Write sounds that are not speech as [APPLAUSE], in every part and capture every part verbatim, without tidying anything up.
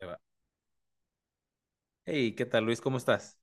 Ahí va. Hey, ¿qué tal Luis? ¿Cómo estás?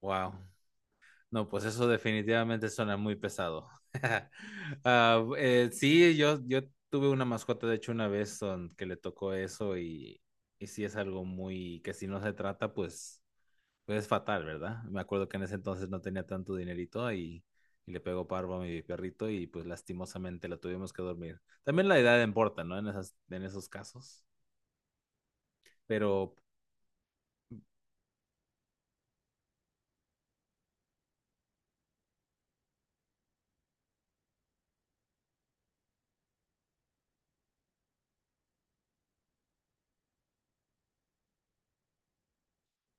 Wow. No, pues eso definitivamente suena muy pesado. [LAUGHS] Ah, eh, sí, yo, yo tuve una mascota, de hecho, una vez son- que le tocó eso y, y sí es algo muy que si no se trata, pues, pues es fatal, ¿verdad? Me acuerdo que en ese entonces no tenía tanto dinerito y, y le pegó parvo a mi perrito y pues lastimosamente la tuvimos que dormir. También la edad importa, ¿no? En esas, en esos casos. Pero.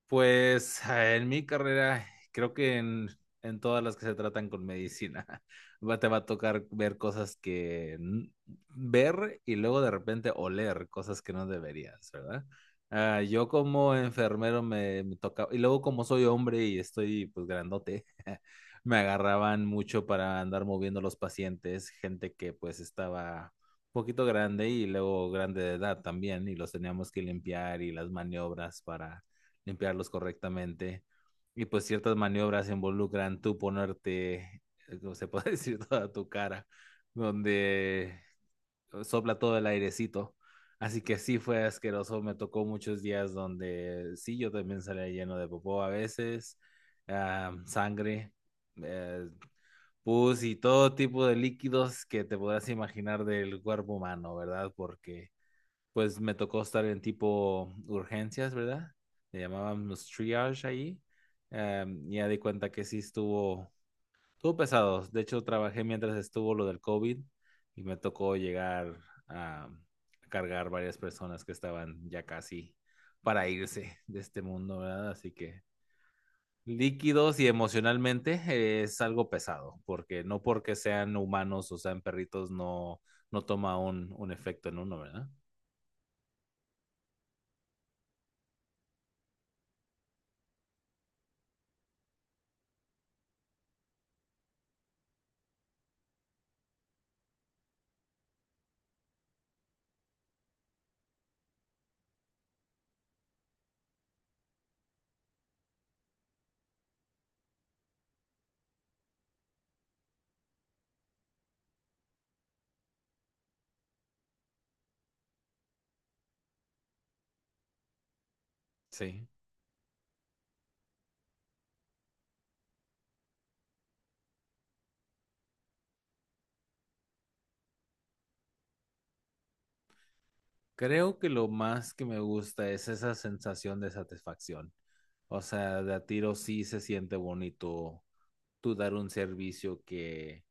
Pues eh, en mi carrera, creo que en, en todas las que se tratan con medicina, [LAUGHS] va- te va a tocar ver cosas que n- ver y luego de repente oler cosas que no deberías, ¿verdad? Ah, yo como enfermero me, me tocaba, y luego como soy hombre y estoy pues grandote, [LAUGHS] me agarraban mucho para andar moviendo los pacientes, gente que pues estaba un poquito grande y luego grande de edad también, y los teníamos que limpiar y las maniobras para limpiarlos correctamente. Y pues ciertas maniobras involucran tú ponerte, como se puede [LAUGHS] decir, toda tu cara, donde sopla todo el airecito. Así que sí fue asqueroso, me tocó muchos días donde sí, yo también salía lleno de popó a veces, uh, sangre, uh, pus y todo tipo de líquidos que te podrás imaginar del cuerpo humano, ¿verdad? Porque pues me tocó estar en tipo urgencias, ¿verdad? Le llamábamos triage ahí. Um, ya di cuenta que sí estuvo, estuvo pesado. De hecho, trabajé mientras estuvo lo del COVID y me tocó llegar a cargar varias personas que estaban ya casi para irse de este mundo, ¿verdad? Así que líquidos y emocionalmente es algo pesado, porque no porque sean humanos o sean perritos no, no toma un, un efecto en uno, ¿verdad? Sí. Creo que lo más que me gusta es esa sensación de satisfacción. O sea, de a tiro sí se siente bonito tú dar un servicio que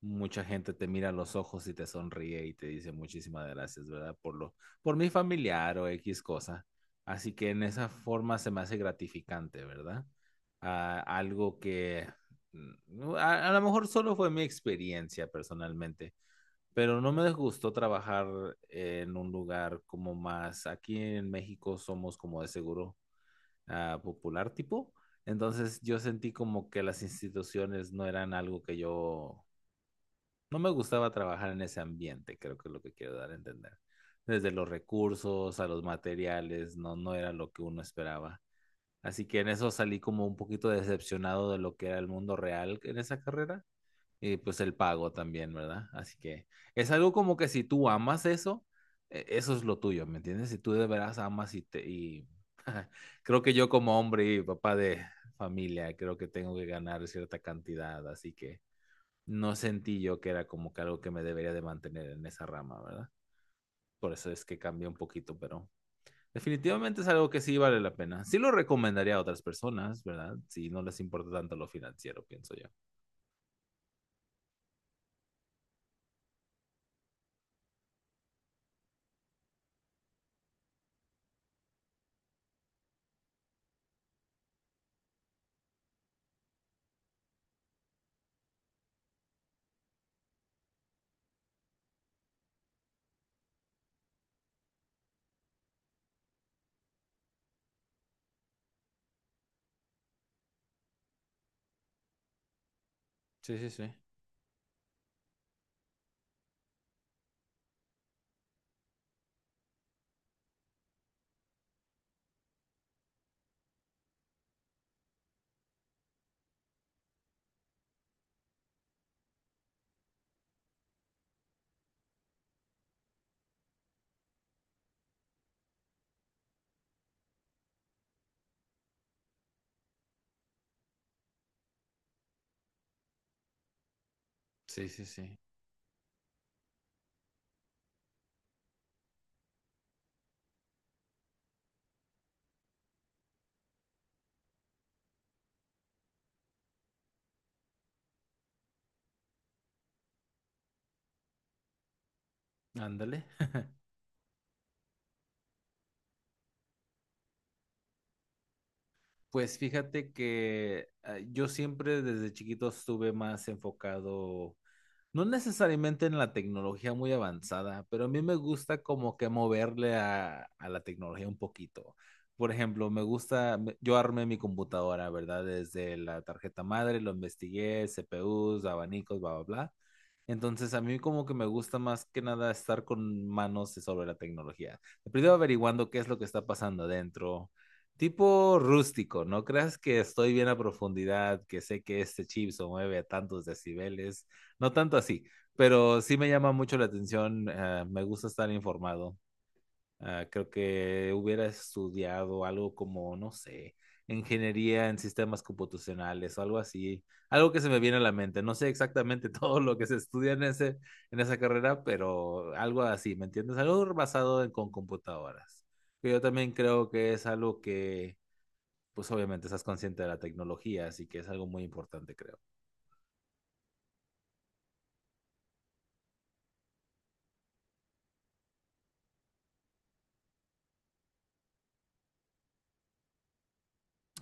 mucha gente te mira a los ojos y te sonríe y te dice muchísimas gracias, ¿verdad? Por lo, por mi familiar o X cosa. Así que en esa forma se me hace gratificante, ¿verdad? Ah, algo que mm, a, a, lo mejor solo fue mi experiencia personalmente, pero no me disgustó trabajar en un lugar como más, aquí en México somos como de seguro ah, popular tipo. Entonces yo sentí como que las instituciones no eran algo que yo, no me gustaba trabajar en ese ambiente, creo que es lo que quiero dar a entender. Desde los recursos a los materiales, no, no era lo que uno esperaba. Así que en eso salí como un poquito decepcionado de lo que era el mundo real en esa carrera y pues el pago también, ¿verdad? Así que es algo como que si tú amas eso, eh, eso es lo tuyo, ¿me entiendes? Si tú de veras amas y, te, y [LAUGHS] creo que yo como hombre y papá de familia, creo que tengo que ganar cierta cantidad, así que no sentí yo que era como que algo que me debería de mantener en esa rama, ¿verdad? Por eso es que cambié un poquito, pero definitivamente es algo que sí vale la pena. Sí lo recomendaría a otras personas, ¿verdad? Si no les importa tanto lo financiero, pienso yo. Sí, sí, sí. Sí, sí, sí. Ándale. Pues fíjate que eh, yo siempre desde chiquito estuve más enfocado, no necesariamente en la tecnología muy avanzada, pero a mí me gusta como que moverle a, a la tecnología un poquito. Por ejemplo, me gusta, me- yo armé mi computadora, ¿verdad? Desde la tarjeta madre, lo investigué, C P Us, abanicos, bla, bla, bla. Entonces, a mí como que me gusta más que nada estar con manos sobre la tecnología. Primero averiguando qué es lo que está pasando adentro. Tipo rústico, no creas que estoy bien a profundidad, que sé que este chip se mueve a tantos decibeles, no tanto así, pero sí me llama mucho la atención, eh, me gusta estar informado. Ah, creo que hubiera estudiado algo como, no sé, ingeniería en sistemas computacionales o algo así, algo que se me viene a la mente. No sé exactamente [LAUGHS] todo lo que se estudia en ese, en esa carrera, pero algo así, ¿me entiendes? Algo basado en, con computadoras. Que yo también creo que es algo que, pues obviamente estás consciente de la tecnología, así que es algo muy importante, creo.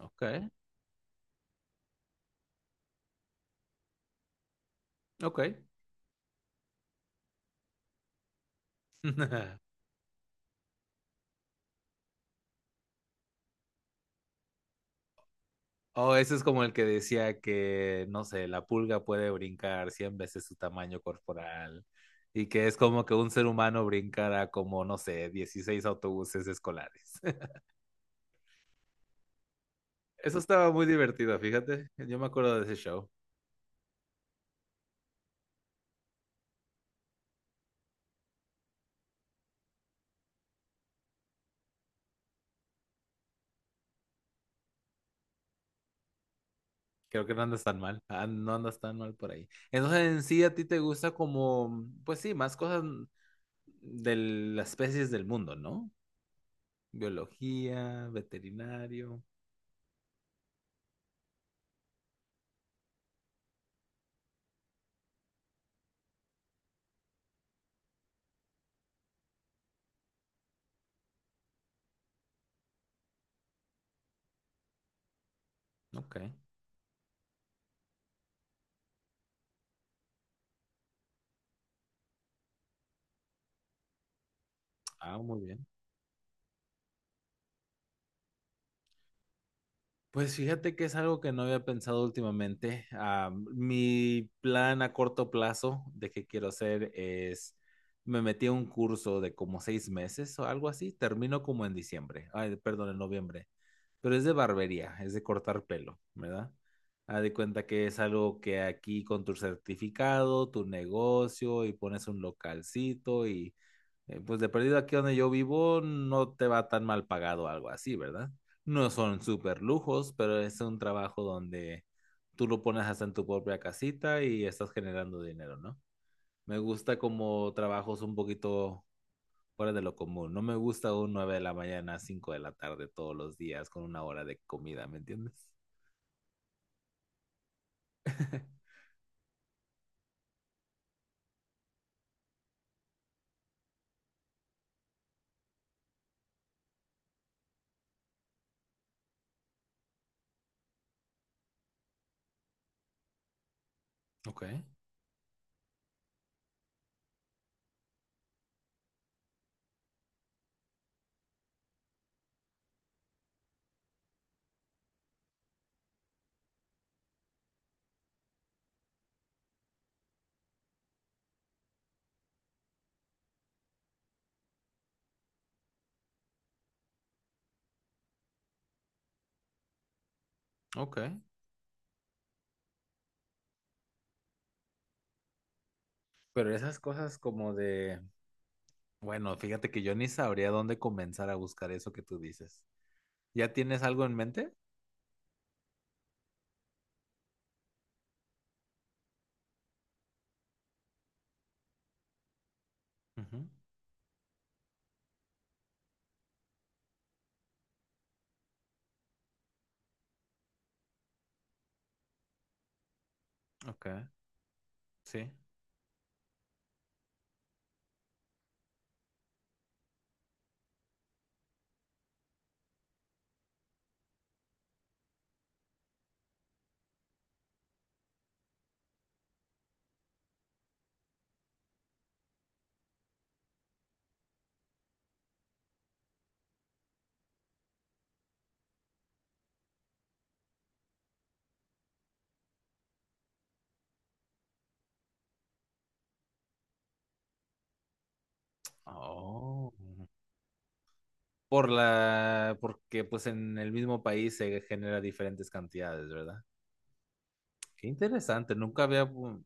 Ok, ok. [LAUGHS] Oh, ese es como el que decía que, no sé, la pulga puede brincar cien veces su tamaño corporal y que es como que un ser humano brincara como, no sé, dieciséis autobuses escolares. [LAUGHS] Eso estaba muy divertido, fíjate. Yo me acuerdo de ese show. Creo que no andas tan mal. Ah, no andas tan mal por ahí. Entonces, en sí, a ti te gusta como, pues sí, más cosas de las especies del mundo, ¿no? Biología, veterinario. Ok. Ah, muy bien. Pues fíjate que es algo que no había pensado últimamente. Ah, mi plan a corto plazo de qué quiero hacer es, me metí a un curso de como seis meses o algo así, termino como en diciembre, ay, perdón, en noviembre, pero es de barbería, es de cortar pelo, ¿verdad? Haz de cuenta que es algo que aquí con tu certificado, tu negocio y pones un localcito y eh, pues de perdido aquí donde yo vivo no te va tan mal pagado algo así, ¿verdad? No son súper lujos, pero es un trabajo donde tú lo pones hasta en tu propia casita y estás generando dinero, ¿no? Me gusta como trabajos un poquito fuera de lo común. No me gusta un nueve de la mañana a cinco de la tarde todos los días con una hora de comida, ¿me entiendes? [LAUGHS] Ok, ok. Pero esas cosas como de, bueno, fíjate que yo ni sabría dónde comenzar a buscar eso que tú dices. ¿Ya tienes algo en mente? Ujú. Ok, sí. Oh. Por la, porque pues en el mismo país se genera diferentes cantidades, ¿verdad? Qué interesante, nunca había mm,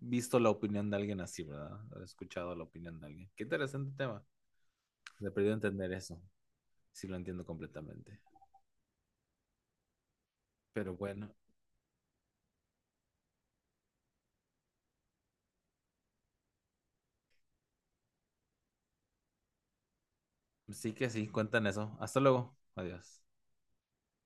visto la opinión de alguien así, ¿verdad? He escuchado la opinión de alguien. Qué interesante tema. Me perdí entender eso. Sí lo entiendo completamente. Pero bueno, sí que sí, cuentan eso. Hasta luego. Adiós.